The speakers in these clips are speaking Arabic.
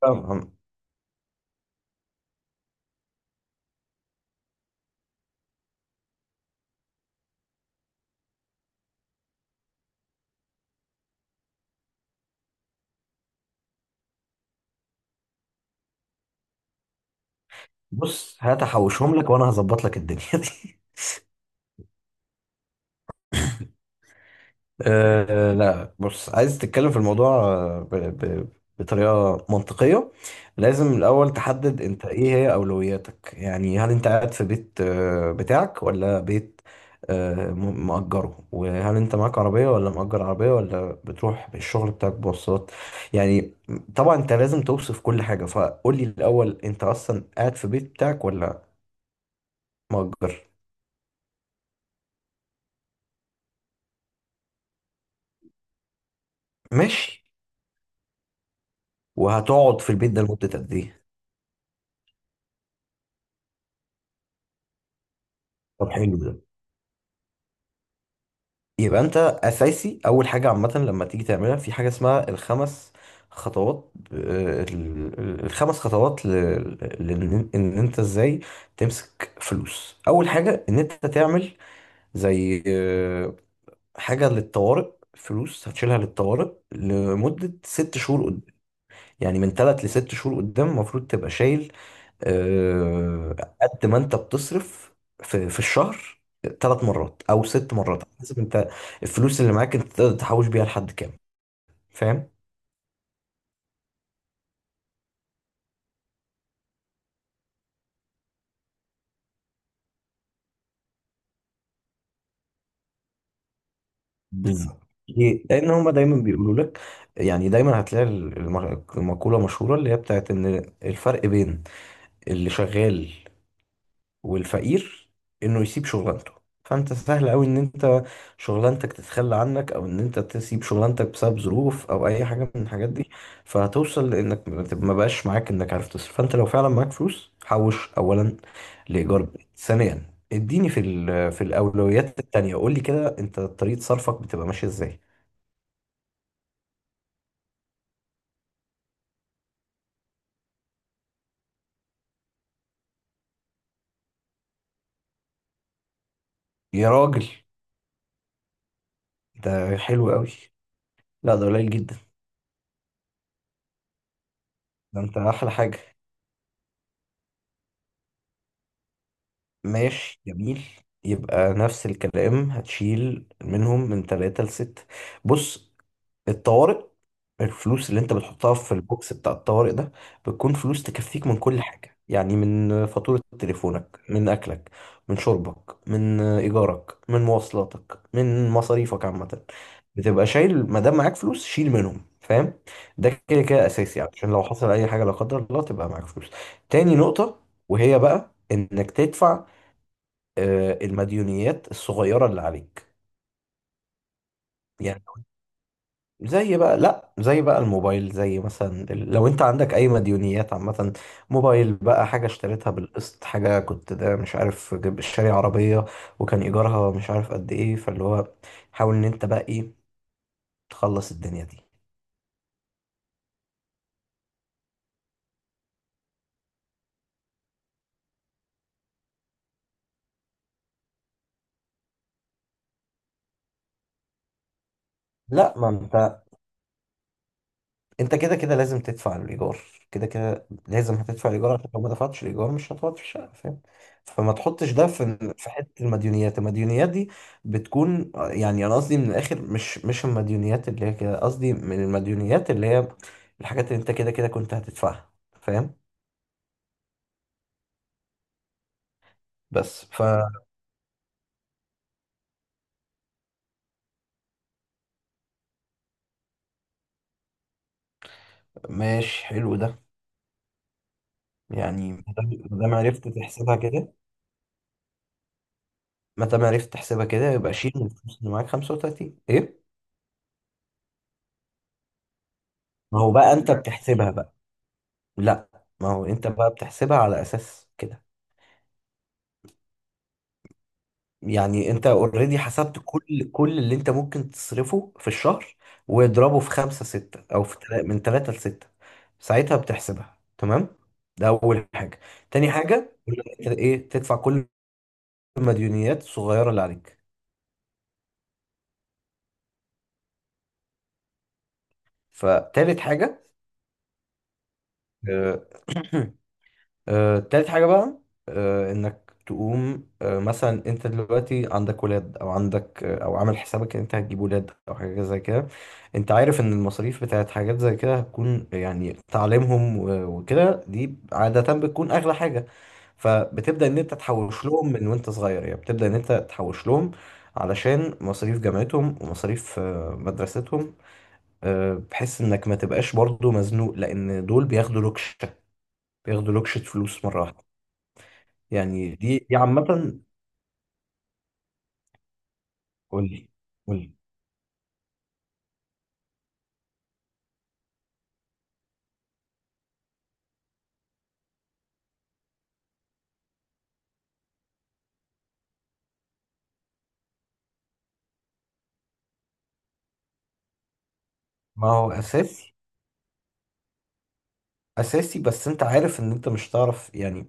فاهم. هات احوشهم لك وانا هظبط لك الدنيا دي أه لا، بص، عايز تتكلم في الموضوع ب ب بطريقة منطقية. لازم الأول تحدد أنت إيه هي أولوياتك، يعني هل أنت قاعد في بيت بتاعك ولا بيت مأجره؟ وهل أنت معاك عربية ولا مأجر عربية ولا بتروح بالشغل بتاعك بواسطات، يعني. طبعا أنت لازم توصف كل حاجة، فقول لي الأول، أنت أصلا قاعد في بيت بتاعك ولا مأجر؟ ماشي. وهتقعد في البيت ده لمدة قد ايه؟ طب حلو ده. يبقى انت اساسي، اول حاجة عامة لما تيجي تعملها، في حاجة اسمها الخمس خطوات، الخمس خطوات ان انت ازاي تمسك فلوس. اول حاجة ان انت تعمل زي حاجة للطوارئ، فلوس هتشيلها للطوارئ لمدة ست شهور قدام. يعني من تلات لست شهور قدام المفروض تبقى شايل، آه، قد ما انت بتصرف في الشهر، ثلاث مرات او ست مرات على حسب انت الفلوس اللي معاك انت تقدر تحوش بيها لحد كام، فاهم؟ بالظبط، ليه؟ لان هما دايما بيقولوا لك، يعني دايما هتلاقي المقوله مشهوره اللي هي بتاعت ان الفرق بين اللي شغال والفقير انه يسيب شغلانته. فانت سهل قوي ان شغلانتك تتخلى عنك او ان انت تسيب شغلانتك بسبب ظروف او اي حاجه من الحاجات دي، فهتوصل لانك ما بقاش معاك انك عارف تصرف. فانت لو فعلا معاك فلوس، حوش اولا لايجار بيت، ثانيا اديني في في الاولويات التانية، قول لي كده انت طريقه صرفك بتبقى ماشيه ازاي. يا راجل، ده حلو قوي. لا، ده قليل جدا. ده انت احلى حاجه. ماشي، جميل. يبقى نفس الكلام، هتشيل منهم من ثلاثة لستة. بص، الطوارئ، الفلوس اللي انت بتحطها في البوكس بتاع الطوارئ ده بتكون فلوس تكفيك من كل حاجة، يعني من فاتورة تليفونك، من أكلك، من شربك، من إيجارك، من مواصلاتك، من مصاريفك عامة. بتبقى شايل ما دام معاك فلوس، شيل منهم، فاهم. ده كده كده أساسي، يعني عشان لو حصل أي حاجة لا قدر الله تبقى معاك فلوس. تاني نقطة، وهي بقى إنك تدفع المديونيات الصغيرة اللي عليك. يعني زي بقى، لا، زي بقى الموبايل، زي مثلا لو انت عندك اي مديونيات عامة، موبايل بقى، حاجة اشتريتها بالقسط، حاجة كنت ده مش عارف شاري عربية وكان ايجارها مش عارف قد ايه، فاللي هو حاول ان انت بقى ايه، تخلص الدنيا دي. لا، ما انت، انت كده كده لازم تدفع الايجار، كده كده لازم هتدفع الايجار، عشان لو ما دفعتش الايجار مش هتقعد في الشقه، فاهم. فما تحطش ده في حته المديونيات. المديونيات دي بتكون يعني، انا قصدي من الاخر، مش المديونيات اللي هي كده، قصدي من المديونيات اللي هي الحاجات اللي انت كده كده كنت هتدفعها، فاهم. بس فماشي، حلو ده. يعني ما دام عرفت تحسبها كده، ما دام عرفت تحسبها كده يبقى شيل من الفلوس اللي معاك 35، ايه. ما هو بقى انت بتحسبها. لا، ما هو انت بقى بتحسبها على اساس كده. يعني انت اوريدي حسبت كل اللي انت ممكن تصرفه في الشهر واضربه في خمسة ستة، او في من تلاتة لستة. ساعتها بتحسبها تمام. ده اول حاجة. تاني حاجة، انت ايه، تدفع كل المديونيات الصغيرة اللي عليك. فتالت حاجة، آه، تالت حاجة بقى، إنك تقوم، مثلا أنت دلوقتي عندك ولاد أو عندك أو عامل حسابك إن أنت هتجيب ولاد أو حاجة زي كده. أنت عارف إن المصاريف بتاعت حاجات زي كده هتكون، يعني تعليمهم وكده، دي عادة بتكون أغلى حاجة. فبتبدأ إن أنت تحوش لهم من وأنت صغير، يعني بتبدأ إن أنت تحوش لهم علشان مصاريف جامعتهم ومصاريف مدرستهم. بحيث إنك ما تبقاش برضو مزنوق، لأن دول بياخدوا لوكشة، بياخدوا لوكشة فلوس مرة واحدة. يعني دي دي عامة. قولي، قولي. ما هو أساسي، أساسي، بس أنت عارف إن أنت مش هتعرف، يعني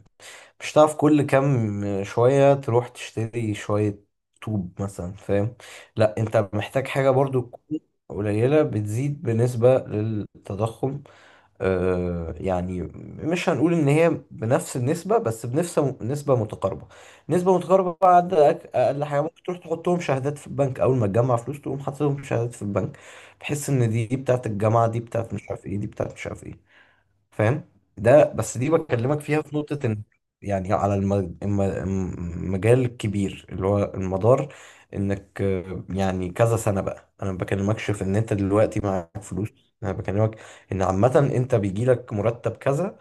مش هتعرف كل كام شوية تروح تشتري شوية طوب مثلا، فاهم. لا، أنت محتاج حاجة برضو تكون قليلة بتزيد بنسبة للتضخم، يعني مش هنقول ان هي بنفس النسبه، بس بنفس نسبه متقاربه. نسبه متقاربه بعد اقل حاجه ممكن تروح تحطهم شهادات في البنك. اول ما تجمع فلوس تقوم حاططهم شهادات في البنك، بحيث ان دي دي بتاعت الجامعه، دي بتاعت مش عارف ايه، دي بتاعت مش عارف ايه، فاهم. ده بس دي بكلمك فيها في نقطة ان، يعني على المجال الكبير اللي هو المدار، انك يعني كذا سنة بقى. انا ما بكلمكش في ان انت دلوقتي معاك فلوس، انا بكلمك ان عامة انت بيجيلك مرتب كذا،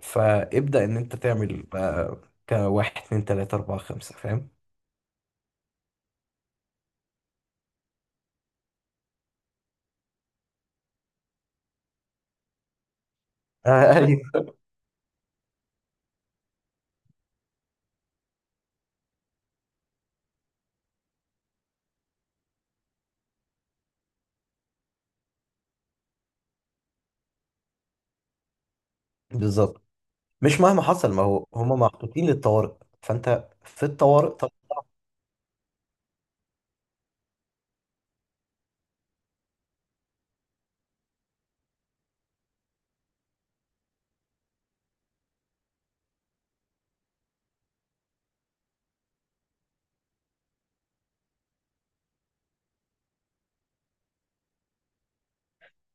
فابدأ ان انت تعمل بقى كواحد اتنين تلاتة اربعة خمسة، فاهم. ايوه. بالظبط، مش مهما حصل، ما هو هما محطوطين للطوارئ، فانت في الطوارئ.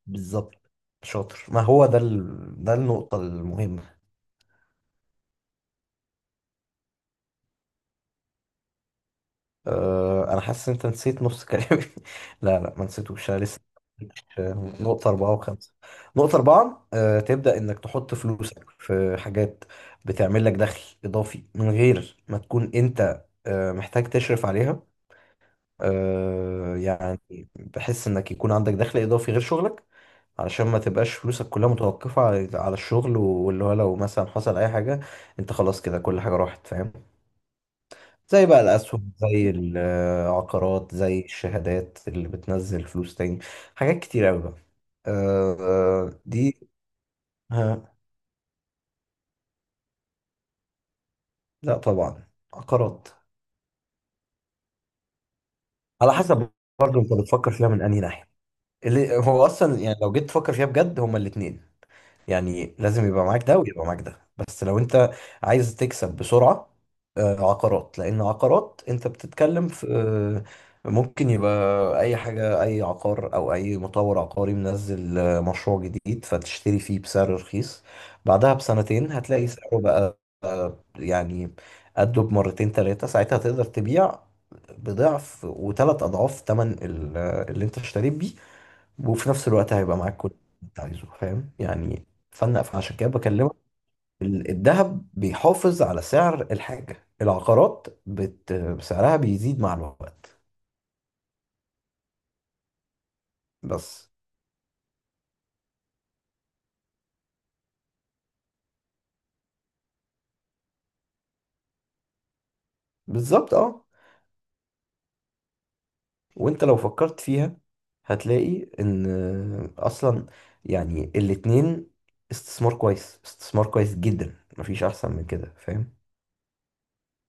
بالظبط، شاطر. ما هو ده ده النقطة المهمة. أنا حاسس إن أنت نسيت نص كلامي. لا لا، ما نسيتوش، أنا لسه ما قلتش، نقطة أربعة وخمسة. نقطة أربعة، تبدأ إنك تحط فلوسك في حاجات بتعمل لك دخل إضافي من غير ما تكون أنت محتاج تشرف عليها. يعني بحس إنك يكون عندك دخل إضافي غير شغلك، علشان ما تبقاش فلوسك كلها متوقفة على الشغل، واللي هو لو مثلا حصل أي حاجة أنت خلاص كده كل حاجة راحت، فاهم. زي بقى الأسهم، زي العقارات، زي الشهادات اللي بتنزل فلوس تاني، حاجات كتير أوي بقى، دي. ها. لا، طبعا عقارات. على حسب، برضه أنت بتفكر فيها من أنهي ناحية. اللي هو أصلا، يعني لو جيت تفكر فيها بجد، هما الاتنين يعني لازم يبقى معاك ده ويبقى معاك ده. بس لو انت عايز تكسب بسرعة، عقارات. لان عقارات انت بتتكلم في ممكن يبقى اي حاجة، اي عقار او اي مطور عقاري منزل مشروع جديد فتشتري فيه بسعر رخيص، بعدها بسنتين هتلاقي سعره بقى، يعني قده بمرتين تلاتة. ساعتها تقدر تبيع بضعف وثلاث اضعاف ثمن اللي انت اشتريت بيه، وفي نفس الوقت هيبقى معاك كل اللي انت عايزه، فاهم يعني. فانا فعشان كده بكلمك، الذهب بيحافظ على سعر الحاجة، العقارات سعرها بيزيد مع الوقت. بس. بالظبط، اه. وانت لو فكرت فيها هتلاقي ان اصلا، يعني الاتنين استثمار كويس، استثمار كويس جدا، مفيش احسن من كده، فاهم.